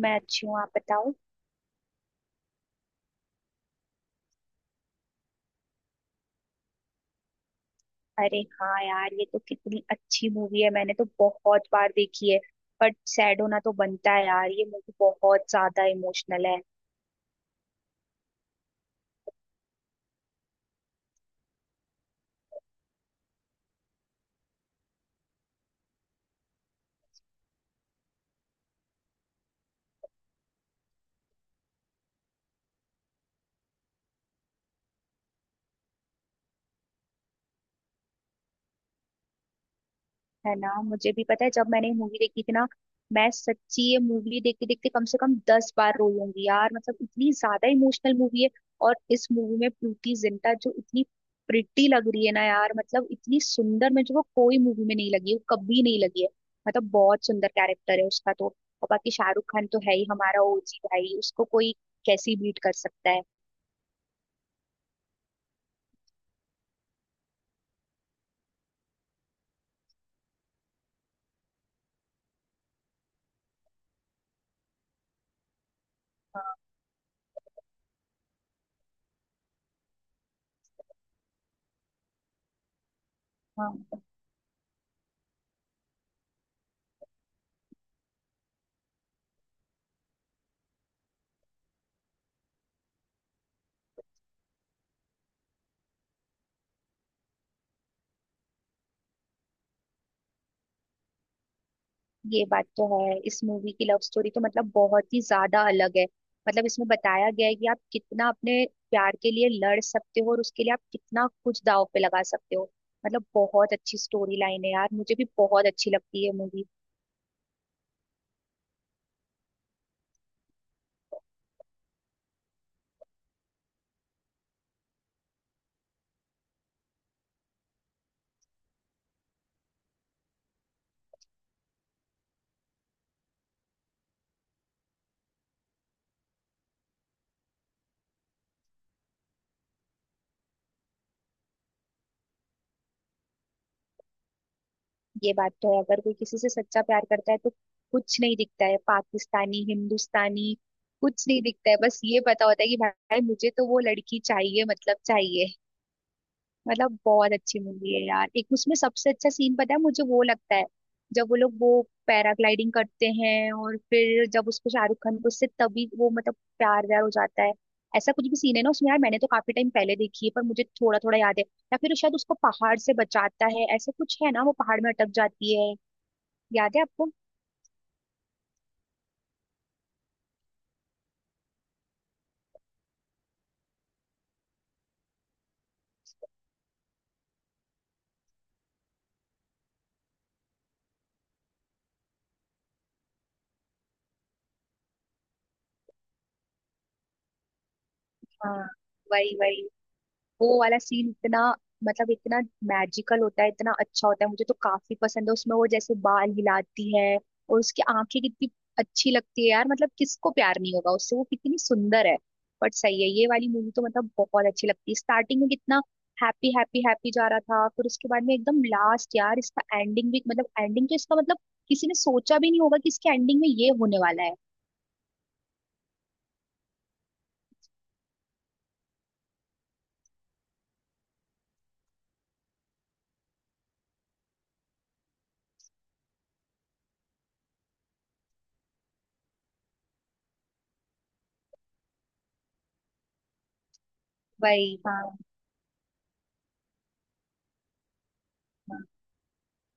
मैं अच्छी हूँ आप बताओ। अरे हाँ यार ये तो कितनी अच्छी मूवी है मैंने तो बहुत बार देखी है। बट सैड होना तो बनता है यार, ये मूवी बहुत ज्यादा इमोशनल है। है ना, मुझे भी पता है जब मैंने मूवी देखी थी ना। मैं सच्ची ये मूवी देखते देखते कम से कम 10 बार रोई होंगी यार, मतलब इतनी ज्यादा इमोशनल मूवी है। और इस मूवी में प्रीति जिंटा जो इतनी प्रिटी लग रही है ना यार, मतलब इतनी सुंदर में जो वो कोई मूवी में नहीं लगी, वो कभी नहीं लगी है। मतलब बहुत सुंदर कैरेक्टर है उसका तो। और बाकी शाहरुख खान तो है ही हमारा ओजी भाई, उसको कोई कैसी बीट कर सकता है। हाँ, हाँ। ये बात तो है, इस मूवी की लव स्टोरी तो मतलब बहुत ही ज्यादा अलग है। मतलब इसमें बताया गया है कि आप कितना अपने प्यार के लिए लड़ सकते हो और उसके लिए आप कितना कुछ दांव पे लगा सकते हो। मतलब बहुत अच्छी स्टोरी लाइन है यार, मुझे भी बहुत अच्छी लगती है मूवी। ये बात तो है, अगर कोई किसी से सच्चा प्यार करता है तो कुछ नहीं दिखता है पाकिस्तानी हिंदुस्तानी, कुछ नहीं दिखता है, बस ये पता होता है कि भाई मुझे तो वो लड़की चाहिए मतलब चाहिए। मतलब बहुत अच्छी मूवी है यार, एक उसमें सबसे अच्छा सीन पता है मुझे वो लगता है, जब वो लोग वो पैराग्लाइडिंग करते हैं और फिर जब उसको शाहरुख खान को उससे तभी वो मतलब प्यार व्यार हो जाता है। ऐसा कुछ भी सीन है ना उसमें यार, मैंने तो काफी टाइम पहले देखी है पर मुझे थोड़ा थोड़ा याद है। या फिर शायद उसको पहाड़ से बचाता है, ऐसा कुछ है ना, वो पहाड़ में अटक जाती है। याद है आपको? हाँ। वही वही, वो वाला सीन इतना, मतलब इतना मैजिकल होता है, इतना अच्छा होता है, मुझे तो काफी पसंद है उसमें, वो जैसे बाल हिलाती है और उसकी आंखें कितनी अच्छी लगती है यार, मतलब किसको प्यार नहीं होगा उससे, वो कितनी सुंदर है। बट सही है, ये वाली मूवी तो मतलब बहुत अच्छी लगती है, स्टार्टिंग में कितना हैप्पी हैप्पी हैप्पी जा रहा था, फिर उसके बाद में एकदम लास्ट यार, इसका एंडिंग भी मतलब एंडिंग तो इसका मतलब किसी ने सोचा भी नहीं होगा कि इसके एंडिंग में ये होने वाला है। वही, हाँ।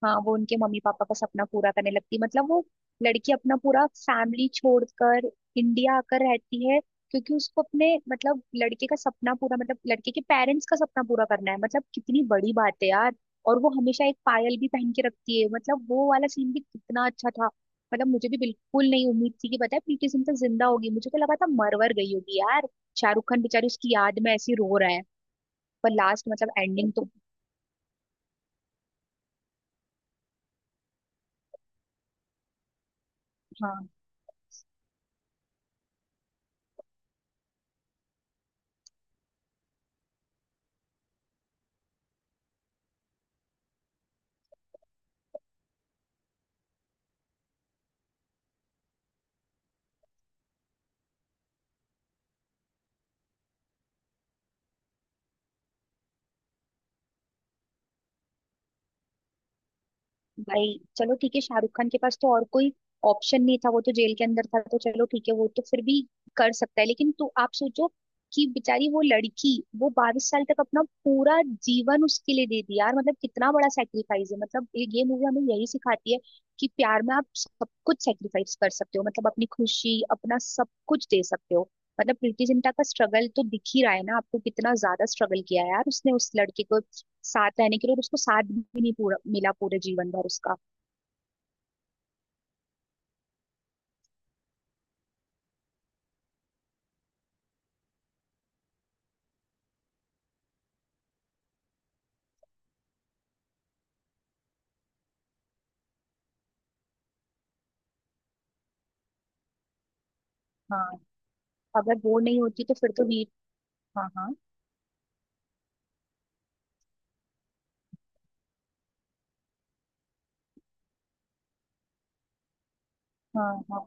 हाँ, वो उनके मम्मी पापा का सपना पूरा करने लगती है, मतलब वो लड़की अपना पूरा फैमिली छोड़कर इंडिया आकर रहती है, क्योंकि उसको अपने मतलब लड़के का सपना पूरा मतलब लड़के के पेरेंट्स का सपना पूरा करना है, मतलब कितनी बड़ी बात है यार। और वो हमेशा एक पायल भी पहन के रखती है, मतलब वो वाला सीन भी कितना अच्छा था। मतलब मुझे भी बिल्कुल नहीं उम्मीद थी कि पता है प्रीति जिंटा जिंदा होगी, मुझे तो लगा था मरवर गई होगी यार, शाहरुख खान बेचारी उसकी याद में ऐसी रो रहा है। पर लास्ट मतलब एंडिंग तो। हाँ। भाई चलो ठीक है, शाहरुख खान के पास तो और कोई ऑप्शन नहीं था, वो तो जेल के अंदर था तो चलो ठीक है वो तो फिर भी कर सकता है, लेकिन तू आप सोचो कि बेचारी वो लड़की वो 22 साल तक अपना पूरा जीवन उसके लिए दे दी यार, मतलब कितना बड़ा सेक्रीफाइस है। मतलब ये मूवी हमें यही सिखाती है कि प्यार में आप सब कुछ सेक्रीफाइस कर सकते हो, मतलब अपनी खुशी अपना सब कुछ दे सकते हो। मतलब प्रीति जिंटा का स्ट्रगल तो दिख ही रहा है ना आपको, कितना ज्यादा स्ट्रगल किया है यार उसने उस लड़के को साथ रहने के लिए, और उसको साथ भी नहीं पूरा मिला पूरे जीवन भर उसका। हाँ, अगर वो नहीं होती तो फिर तो वीर। हाँ, हाँ। हाँ, हाँ,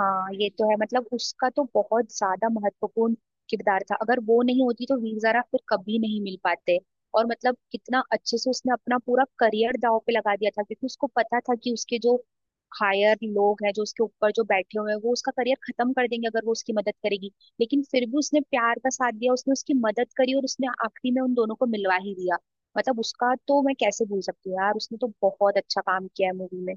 हाँ। ये तो है, मतलब उसका तो बहुत ज्यादा महत्वपूर्ण किरदार था, अगर वो नहीं होती तो वीर ज़ारा फिर कभी नहीं मिल पाते। और मतलब कितना अच्छे से उसने अपना पूरा करियर दांव पे लगा दिया था, क्योंकि उसको पता था कि उसके जो हायर लोग हैं जो उसके ऊपर जो बैठे हुए हैं वो उसका करियर खत्म कर देंगे अगर वो उसकी मदद करेगी, लेकिन फिर भी उसने प्यार का साथ दिया, उसने उसकी मदद करी और उसने आखिरी में उन दोनों को मिलवा ही दिया। मतलब उसका तो मैं कैसे भूल सकती हूँ यार, उसने तो बहुत अच्छा काम किया है मूवी में।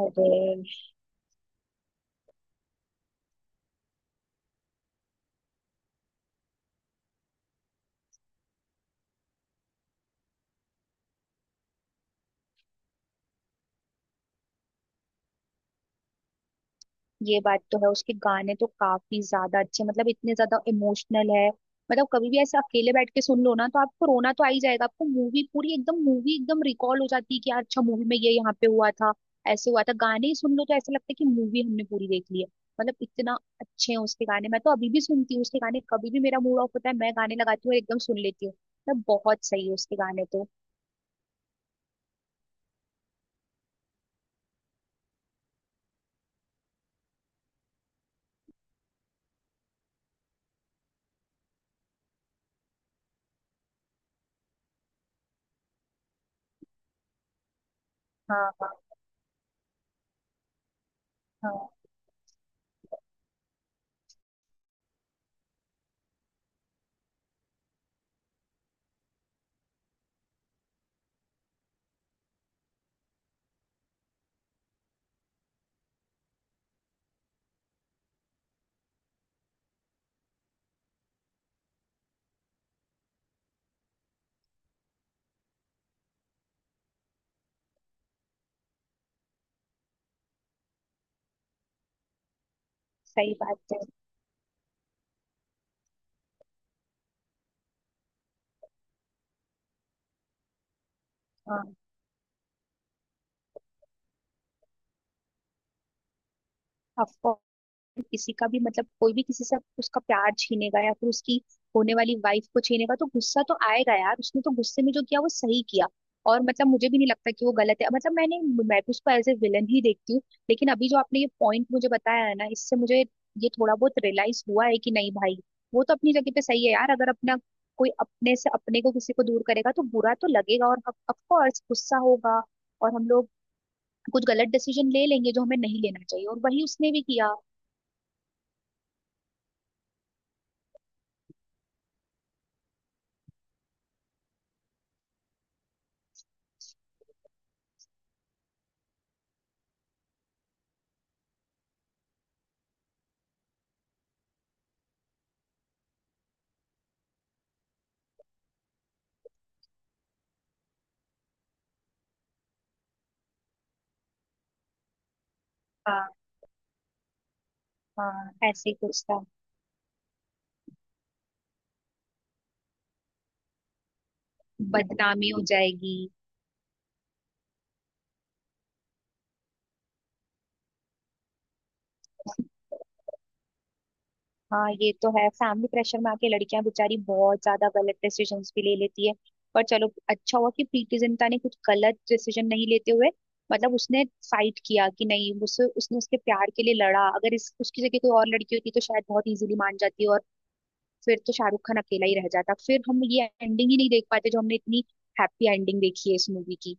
अरे, ये बात तो है, उसके गाने तो काफी ज्यादा अच्छे, मतलब इतने ज्यादा इमोशनल है। मतलब कभी भी ऐसे अकेले बैठ के सुन लो ना तो आपको रोना तो आ ही जाएगा, आपको मूवी एकदम रिकॉल हो जाती है कि यार अच्छा मूवी में ये यहाँ पे हुआ था, ऐसे हुआ था, गाने ही सुन लो तो ऐसा लगता है कि मूवी हमने पूरी देख ली है। मतलब इतना अच्छे हैं उसके गाने, मैं तो अभी भी सुनती हूँ उसके गाने, कभी भी मेरा मूड ऑफ होता है मैं गाने लगाती हूँ और एकदम सुन लेती हूँ, मतलब बहुत सही है उसके गाने तो। हाँ, हाँ, हाँ। सही बात है। हाँ। ऑफ, किसी का भी मतलब कोई भी किसी से उसका प्यार छीनेगा या फिर उसकी होने वाली वाइफ को छीनेगा तो गुस्सा तो आएगा यार, उसने तो गुस्से में जो किया वो सही किया। और मतलब मुझे भी नहीं लगता कि वो गलत है, मतलब मैं भी उसको एज ए विलन ही देखती हूँ, लेकिन अभी जो आपने ये पॉइंट मुझे बताया है ना इससे मुझे ये थोड़ा बहुत रियलाइज हुआ है कि नहीं भाई वो तो अपनी जगह पे सही है यार, अगर अपना कोई अपने से अपने को किसी को दूर करेगा तो बुरा तो लगेगा और ऑफ कोर्स गुस्सा होगा, और हम लोग कुछ गलत डिसीजन ले लेंगे जो हमें नहीं लेना चाहिए, और वही उसने भी किया। हाँ, हाँ, ऐसे ही कुछ था। बदनामी हो जाएगी। हाँ, ये तो है, फैमिली प्रेशर में आके लड़कियां बेचारी बहुत ज्यादा गलत डिसीजन भी ले लेती है। पर चलो अच्छा हुआ कि प्रीति जिंटा ने कुछ गलत डिसीजन नहीं लेते हुए मतलब उसने फाइट किया कि नहीं, उसे उसने उसके प्यार के लिए लड़ा, अगर इस उसकी जगह कोई और लड़की होती तो शायद बहुत इजीली मान जाती, फिर तो शाहरुख खान अकेला ही रह जाता, फिर हम ये एंडिंग ही नहीं देख पाते जो हमने इतनी हैप्पी एंडिंग देखी है इस मूवी की।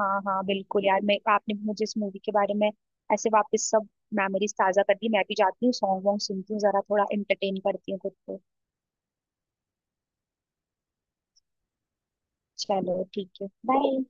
हाँ, हाँ, बिल्कुल यार, मैं आपने मुझे इस मूवी के बारे में ऐसे वापस सब मेमोरीज ताजा कर दी, मैं भी जाती हूँ सॉन्ग वॉन्ग सुनती हूँ, जरा थोड़ा एंटरटेन करती हूँ खुद को। चलो ठीक है, बाय।